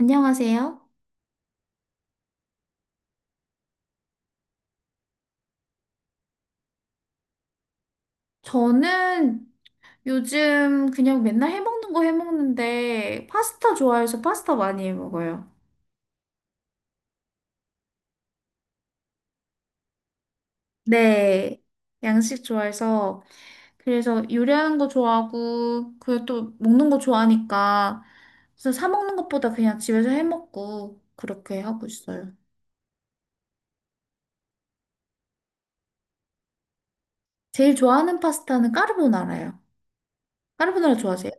안녕하세요. 저는 요즘 그냥 맨날 해먹는 거 해먹는데 파스타 좋아해서 파스타 많이 해먹어요. 네, 양식 좋아해서 그래서 요리하는 거 좋아하고 그리고 또 먹는 거 좋아하니까 그래서 사 먹는 것보다 그냥 집에서 해먹고 그렇게 하고 있어요. 제일 좋아하는 파스타는 까르보나라예요. 까르보나라 좋아하세요?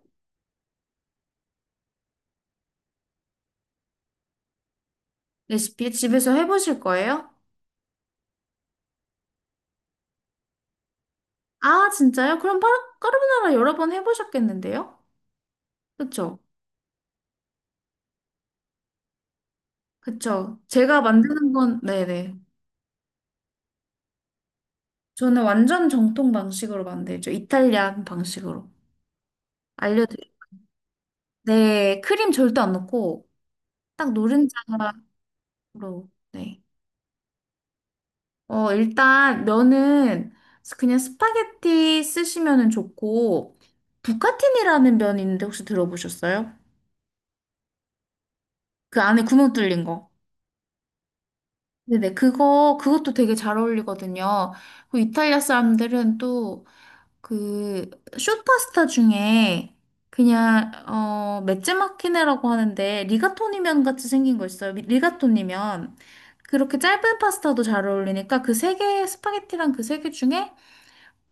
레시피 집에서 해보실 거예요? 아, 진짜요? 그럼 까르보나라 여러 번 해보셨겠는데요? 그쵸? 그쵸. 제가 만드는 건, 네네. 저는 완전 정통 방식으로 만들죠. 이탈리안 방식으로. 알려드릴게요. 네, 크림 절대 안 넣고, 딱 노른자로. 네. 일단 면은 그냥 스파게티 쓰시면은 좋고, 부카틴이라는 면이 있는데 혹시 들어보셨어요? 그 안에 구멍 뚫린 거. 네네, 그거, 그것도 되게 잘 어울리거든요. 그 이탈리아 사람들은 또 그 슈퍼스타 중에 그냥 맷즈 마키네라고 하는데 리가토니면 같이 생긴 거 있어요. 리가토니면 그렇게 짧은 파스타도 잘 어울리니까 그 세 개 스파게티랑 그 세 개 중에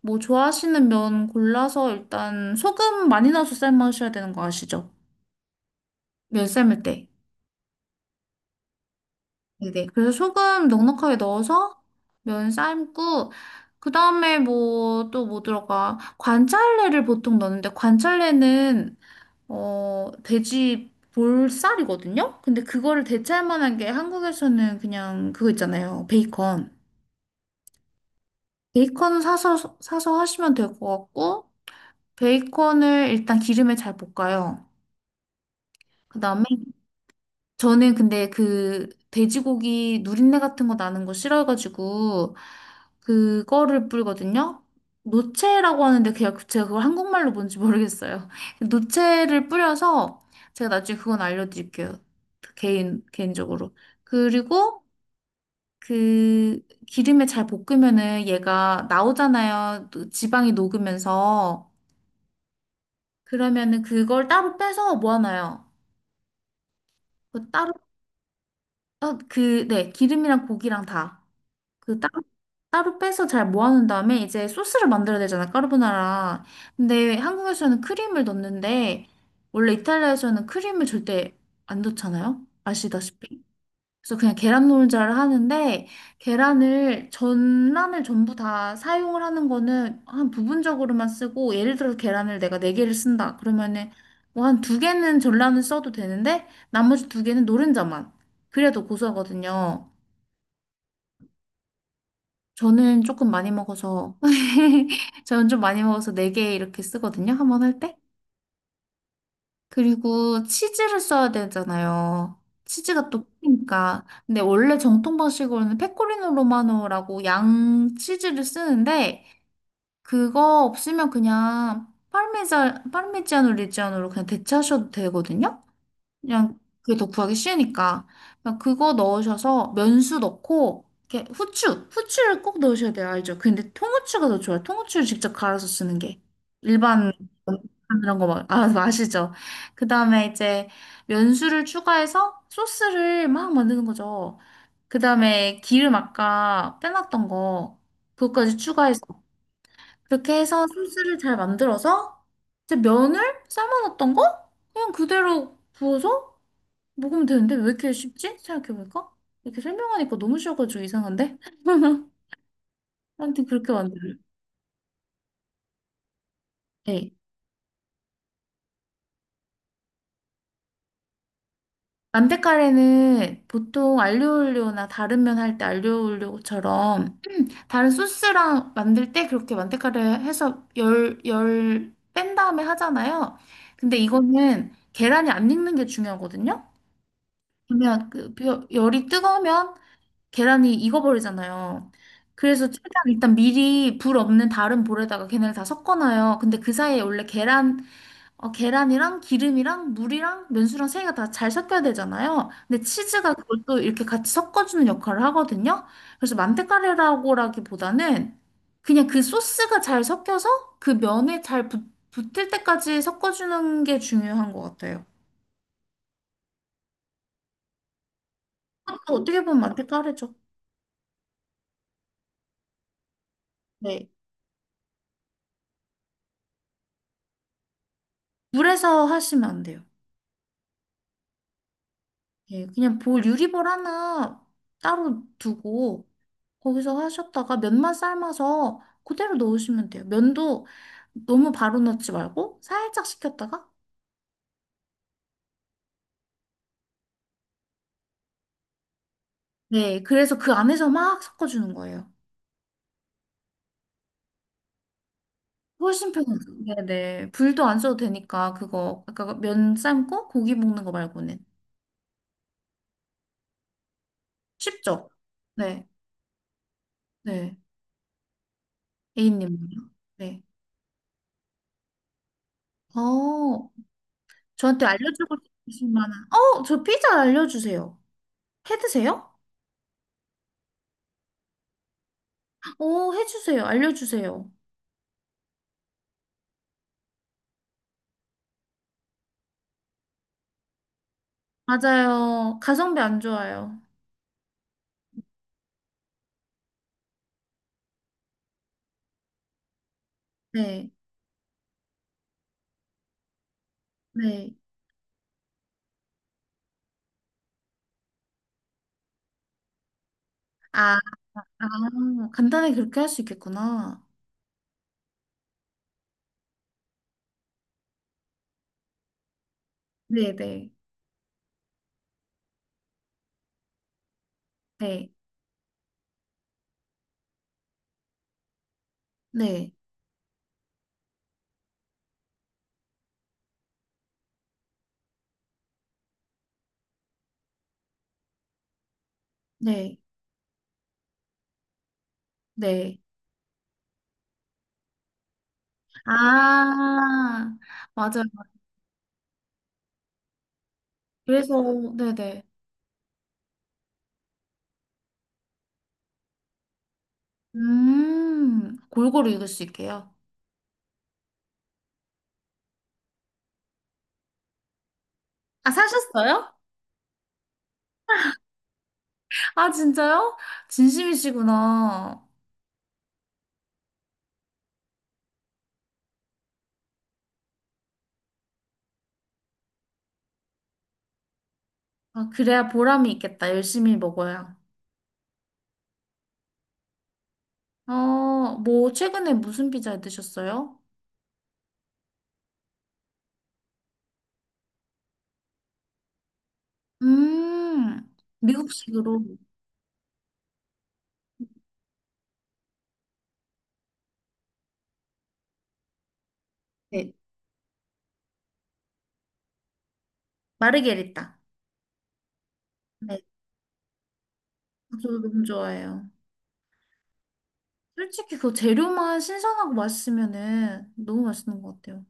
뭐 좋아하시는 면 골라서 일단 소금 많이 넣어서 삶으셔야 되는 거 아시죠? 면 삶을 때. 네네. 그래서 소금 넉넉하게 넣어서 면 삶고 그 다음에 뭐 또 뭐 들어가 관찰래를 보통 넣는데 관찰래는 돼지 볼살이거든요? 근데 그거를 대체할 만한 게 한국에서는 그냥 그거 있잖아요. 베이컨. 베이컨 사서 하시면 될 것 같고, 베이컨을 일단 기름에 잘 볶아요. 그 다음에 저는 근데 그 돼지고기 누린내 같은 거 나는 거 싫어해가지고 그거를 뿌리거든요. 노체라고 하는데 그냥 제가 그걸 한국말로 뭔지 모르겠어요. 노체를 뿌려서 제가 나중에 그건 알려드릴게요. 개인적으로. 그리고 그 기름에 잘 볶으면은 얘가 나오잖아요. 또 지방이 녹으면서 그러면은 그걸 따로 빼서 모아놔요. 그 따로 네, 기름이랑 고기랑 다. 그 따로 빼서 잘 모아놓은 다음에 이제 소스를 만들어야 되잖아, 까르보나라. 근데 한국에서는 크림을 넣는데 원래 이탈리아에서는 크림을 절대 안 넣잖아요? 아시다시피. 그래서 그냥 계란 노른자를 하는데 계란을 전란을 전부 다 사용을 하는 거는 한 부분적으로만 쓰고 예를 들어서 계란을 내가 네 개를 쓴다. 그러면은 뭐 한 두 개는 전란을 써도 되는데 나머지 두 개는 노른자만. 그래도 고소하거든요. 저는 조금 많이 먹어서, 저는 좀 많이 먹어서 4개 이렇게 쓰거든요. 한 번 할 때. 그리고 치즈를 써야 되잖아요. 치즈가 또 크니까. 근데 원래 정통 방식으로는 페코리노 로마노라고 양 치즈를 쓰는데, 그거 없으면 그냥 파르메자, 파르미지아노 레지아노로 그냥 대체하셔도 되거든요. 그냥 그게 더 구하기 쉬우니까. 그냥 그거 넣으셔서 면수 넣고, 이렇게 후추, 후추를 꼭 넣으셔야 돼요. 알죠? 그 근데 통후추가 더 좋아요. 통후추를 직접 갈아서 쓰는 게. 일반 이런 거 막, 아, 아시죠? 그 다음에 이제 면수를 추가해서 소스를 막 만드는 거죠. 그 다음에 기름 아까 빼놨던 거, 그것까지 추가해서. 그렇게 해서 소스를 잘 만들어서 이제 면을 삶아놨던 거? 그냥 그대로 부어서 먹으면 되는데 왜 이렇게 쉽지? 생각해볼까? 이렇게 설명하니까 너무 쉬워가지고 이상한데? 아무튼 그렇게 만들어요. 네. 만테카레는 보통 알리오올리오나 다른 면 할 때 알리오올리오처럼 다른 소스랑 만들 때 그렇게 만테카레 해서 열 뺀 다음에 하잖아요. 근데 이거는 계란이 안 익는 게 중요하거든요. 그러면 그 열이 뜨거우면 계란이 익어버리잖아요. 그래서 최대한 일단 미리 불 없는 다른 볼에다가 걔네를 다 섞어놔요. 근데 그 사이에 원래 계란, 계란이랑 기름이랑 물이랑 면수랑 세 개가 다 잘 섞여야 되잖아요. 근데 치즈가 그걸 또 이렇게 같이 섞어주는 역할을 하거든요. 그래서 만테카레라고라기보다는 그냥 그 소스가 잘 섞여서 그 면에 잘 붙을 때까지 섞어주는 게 중요한 것 같아요. 그것도 어떻게 보면 만테카레죠. 네. 물에서 하시면 안 돼요. 예, 그냥 볼 유리볼 하나 따로 두고 거기서 하셨다가 면만 삶아서 그대로 넣으시면 돼요. 면도 너무 바로 넣지 말고 살짝 식혔다가 네, 그래서 그 안에서 막 섞어주는 거예요. 훨씬 편하죠. 네네. 불도 안 써도 되니까 그거 아까 면 삶고 고기 볶는 거 말고는 쉽죠? 네, 네. A님은요? 네. 어, 저한테 알려주고 싶으신 만한, 저 피자 알려주세요. 해 드세요? 오, 해주세요. 알려주세요. 맞아요. 가성비 안 좋아요. 네, 네. 아, 아, 간단하게 그렇게 할 수 있겠구나. 네, 네, 네, 네, 네, 네. 아, 맞아요. 그래서, 네, 네. 골고루 읽을 수 있게요. 아, 사셨어요? 아, 진짜요? 진심이시구나. 아, 그래야 보람이 있겠다. 열심히 먹어야. 어, 뭐, 최근에 무슨 피자 드셨어요? 음, 미국식으로. 네, 마르게리타. 네, 저도 너무 좋아해요. 솔직히 그 재료만 신선하고 맛있으면은 너무 맛있는 것 같아요.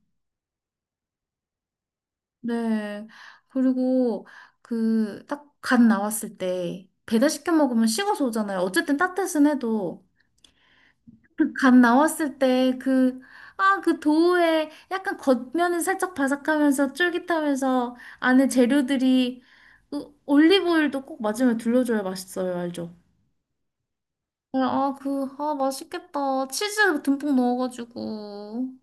네, 그리고 그 딱 간 나왔을 때 배달시켜 먹으면 식어서 오잖아요. 어쨌든 따뜻은 해도 그간 나왔을 때 그, 아, 그 도우에 약간 겉면은 살짝 바삭하면서 쫄깃하면서 안에 재료들이 그 올리브오일도 꼭 마지막에 둘러줘야 맛있어요. 알죠? 네, 아, 그, 아, 맛있겠다. 치즈 듬뿍 넣어가지고.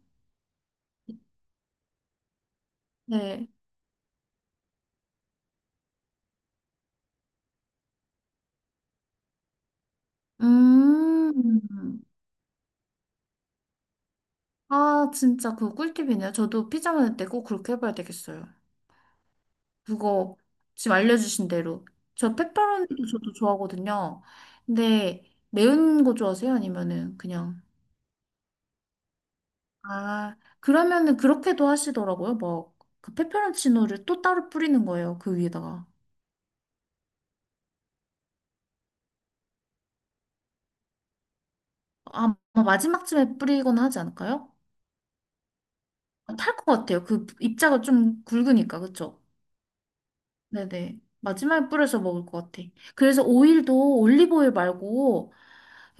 네. 음. 아, 진짜 그거 꿀팁이네요. 저도 피자 만들 때 꼭 그렇게 해봐야 되겠어요. 그거 지금 알려주신 대로. 저 페퍼로니도 저도 좋아하거든요. 근데 매운 거 좋아하세요? 아니면은 그냥. 아, 그러면은 그렇게도 하시더라고요. 막, 그 페페론치노를 또 따로 뿌리는 거예요. 그 위에다가. 아마 마지막쯤에 뿌리거나 하지 않을까요? 탈 것 같아요. 그 입자가 좀 굵으니까, 그쵸? 네네. 마지막에 뿌려서 먹을 것 같아. 그래서 오일도 올리브 오일 말고,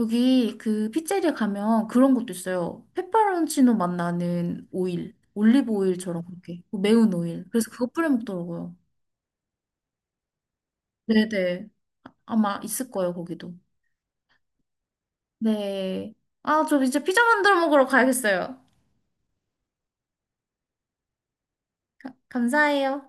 여기 그 피자리에 가면 그런 것도 있어요. 페퍼론치노 맛 나는 오일. 올리브 오일처럼 그렇게. 매운 오일. 그래서 그거 뿌려 먹더라고요. 네네. 아마 있을 거예요, 거기도. 네. 아, 저 이제 피자 만들어 먹으러 가야겠어요. 감사해요.